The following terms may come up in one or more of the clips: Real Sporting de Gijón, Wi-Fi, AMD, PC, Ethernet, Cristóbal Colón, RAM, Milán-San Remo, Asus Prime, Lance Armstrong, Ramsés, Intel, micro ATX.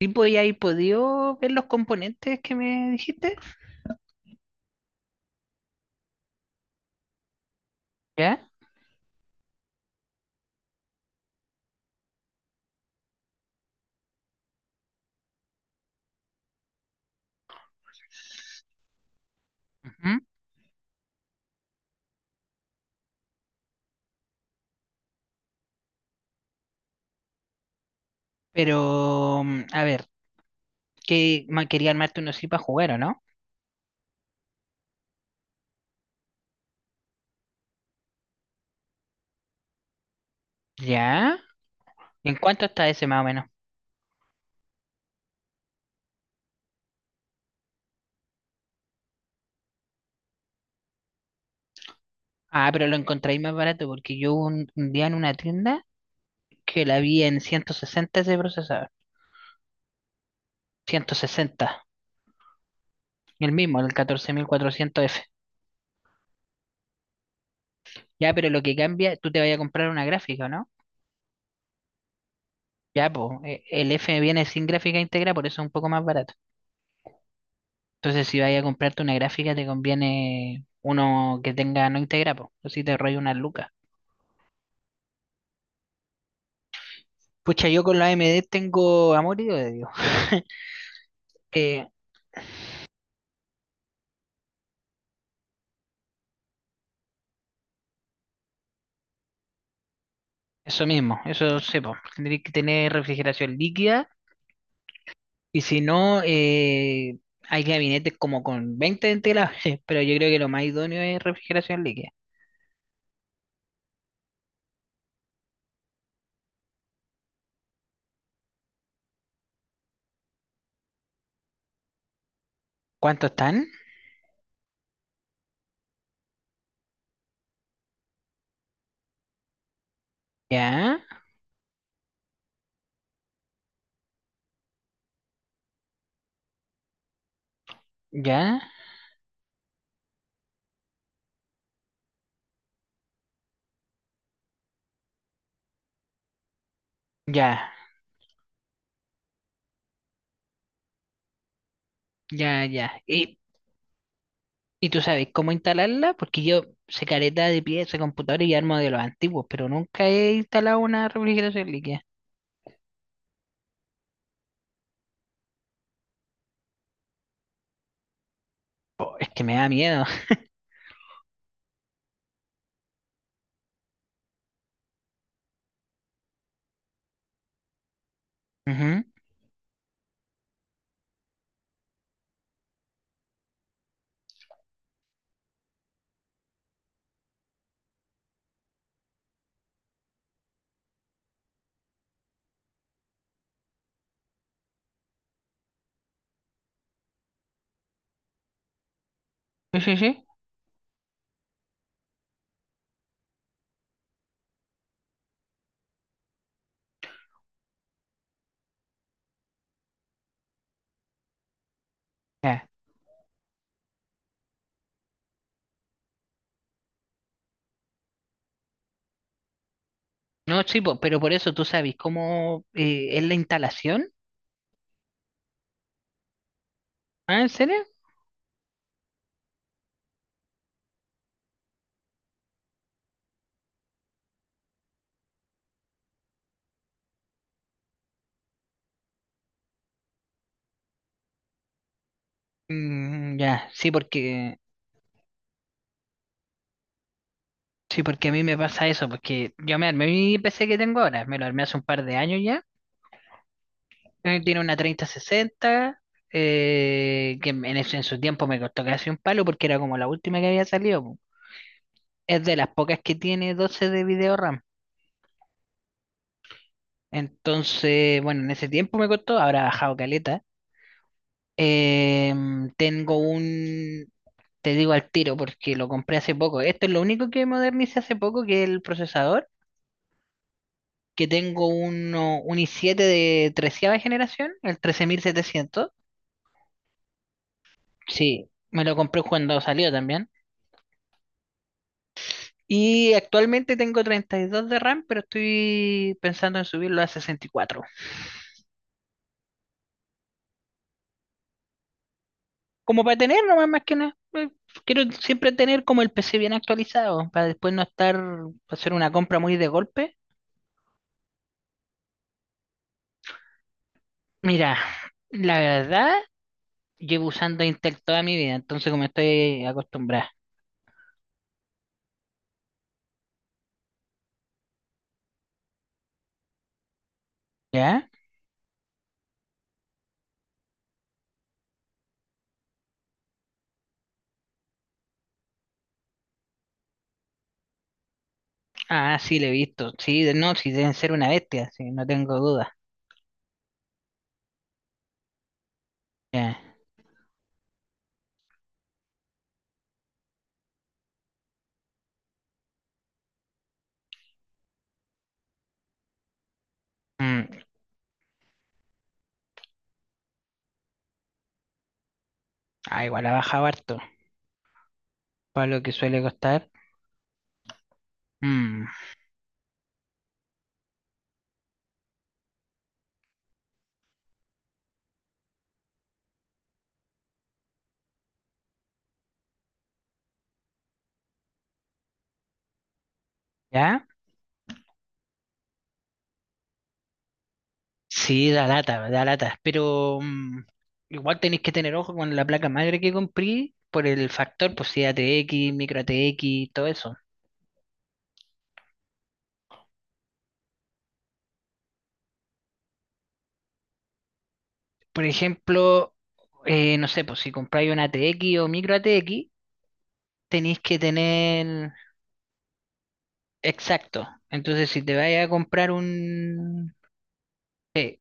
Sí, pues y ahí podido ver los componentes que me dijiste, ¿ya? Ujú. Pero, a ver, quería armarte uno así para jugar, ¿o no? ¿Ya? ¿En cuánto está ese más o menos? Ah, pero lo encontráis más barato porque yo un día en una tienda que la vi en 160 ese procesador. 160. El mismo, el 14400F. Ya, pero lo que cambia, tú te vas a comprar una gráfica, ¿o no? Ya, pues, el F viene sin gráfica íntegra, por eso es un poco más barato. Entonces, si vayas a comprarte una gráfica, te conviene uno que tenga no integra, po, o si te rollo una lucas. Pucha, yo con la AMD tengo amor y odio. Dios. Eh, Eso mismo, eso sepo. Tendréis que tener refrigeración líquida y si no, hay gabinetes como con 20 ventiladores, pero yo creo que lo más idóneo es refrigeración líquida. ¿Cuántos están? Ya, ya, ya, ya, ya. Y tú sabes cómo instalarla, porque yo sé careta de pieza, computador y armo de los antiguos, pero nunca he instalado una refrigeración líquida. Po, es que me da miedo. Ujú. Sí, sí, sí. Ya. No, sí, po, pero por eso tú sabes cómo es la instalación. ¿Ah, en serio? Mm, ya, sí, porque a mí me pasa eso, porque yo me armé mi PC que tengo ahora, me lo armé hace un par de años ya. Tiene una 3060, que en su tiempo me costó casi un palo porque era como la última que había salido. Es de las pocas que tiene 12 de video RAM. Entonces, bueno, en ese tiempo me costó, ahora ha bajado caleta. Tengo te digo al tiro porque lo compré hace poco. Esto es lo único que modernicé hace poco, que es el procesador, que tengo un i7 de treceava generación, el 13700. Sí, me lo compré cuando salió también. Y actualmente tengo 32 de RAM, pero estoy pensando en subirlo a 64 como para tener nomás más que nada. Quiero siempre tener como el PC bien actualizado, para después no estar, hacer una compra muy de golpe. Mira, la verdad, llevo usando Intel toda mi vida, entonces como estoy acostumbrada, ¿ya? Ah, sí, le he visto. Sí, no, sí deben ser una bestia, sí, no tengo duda. Ya. Mm. Ah, igual ha bajado harto, para lo que suele costar. Mm. ¿Ya? Sí, da lata, pero igual tenéis que tener ojo con la placa madre que compré por el factor, pues si ATX, micro ATX, todo eso. Por ejemplo, no sé, pues si compráis una ATX o micro ATX, tenéis que tener exacto. Entonces, si te vais a comprar un... Sí,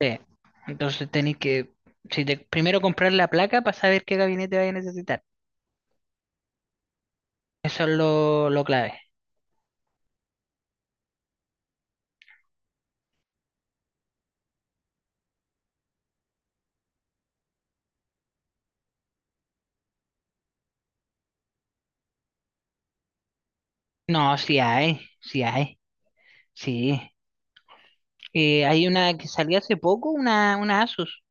sí. Entonces tenéis que, si te- primero comprar la placa para saber qué gabinete vais a necesitar. Eso es lo clave. No, sí hay, sí hay, sí. Hay una que salió hace poco, una Asus,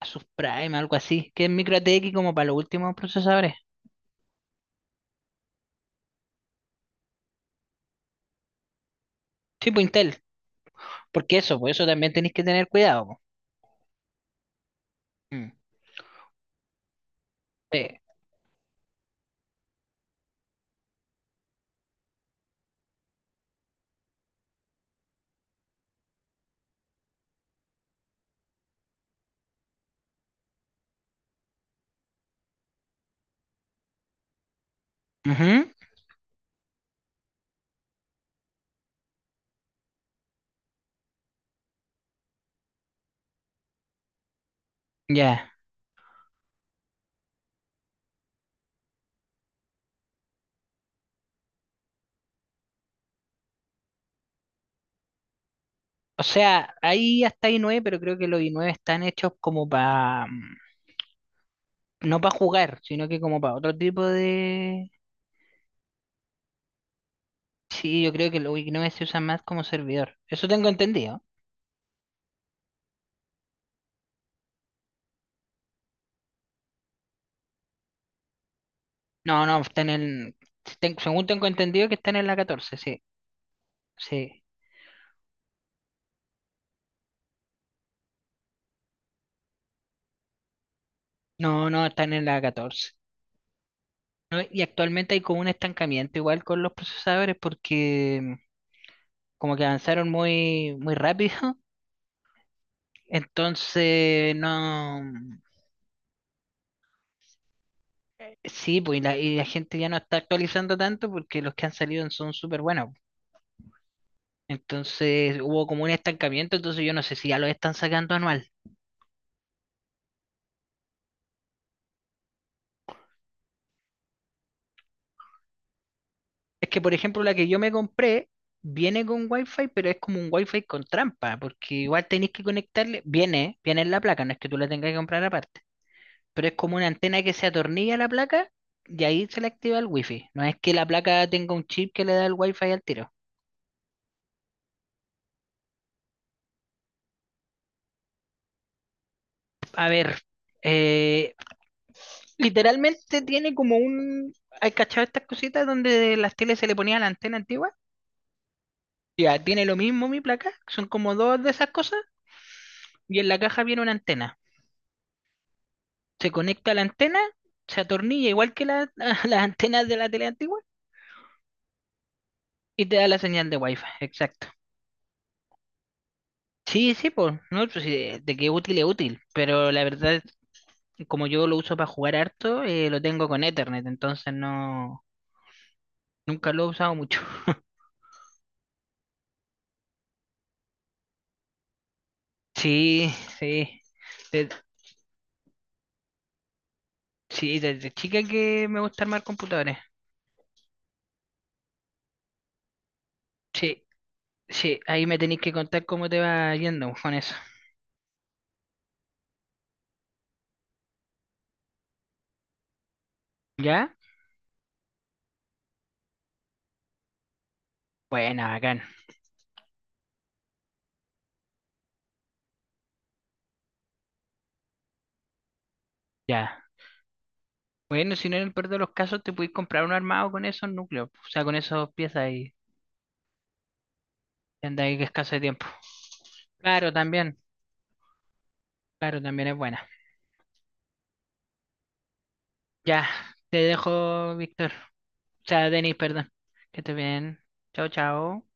Asus Prime, algo así, que es micro ATX como para los últimos procesadores, tipo Intel. Porque por eso también tenéis que tener cuidado, po. Mm. Sí. Ujú. Ya. O sea, hay hasta i9, pero creo que los i9 están hechos como para, no para jugar, sino que como para otro tipo de... Sí, yo creo que los i9 se usan más como servidor. Eso tengo entendido. No, no, está en el... según tengo entendido que están en la 14, sí. Sí. No, no, están en la catorce. No, y actualmente hay como un estancamiento igual con los procesadores porque como que avanzaron muy, muy rápido. Entonces, no. Mm. Sí, pues y la gente ya no está actualizando tanto porque los que han salido son súper buenos. Entonces hubo como un estancamiento, entonces yo no sé si ya lo están sacando anual. Es que, por ejemplo, la que yo me compré viene con Wi-Fi, pero es como un Wi-Fi con trampa, porque igual tenéis que conectarle, viene en la placa, no es que tú la tengas que comprar aparte. Pero es como una antena que se atornilla a la placa y ahí se le activa el wifi. No es que la placa tenga un chip que le da el wifi al tiro. A ver, eh, literalmente tiene como un... ¿Hay cachado estas cositas donde las teles se le ponía la antena antigua? Ya, tiene lo mismo mi placa, son como dos de esas cosas y en la caja viene una antena. Se conecta a la antena, se atornilla igual que las antenas de la tele antigua y te da la señal de wifi, exacto. Sí, sí, pues, no, pues, sí, de que útil es útil, pero la verdad como yo lo uso para jugar harto, lo tengo con Ethernet, entonces no, nunca lo he usado mucho. Sí, sí. De- sí, desde chica que me gusta armar computadores. Sí, sí, ahí me tenéis que contar cómo te va yendo con eso. ¿Ya? Bueno, bacán. Ya. Bueno, si no, en el peor de los casos, te podéis comprar un armado con esos núcleos, o sea, con esas piezas y te andáis escaso de tiempo. Claro, también. Claro, también es buena. Ya, te dejo, Víctor. Denis, perdón. Que estés bien. Chao, chao.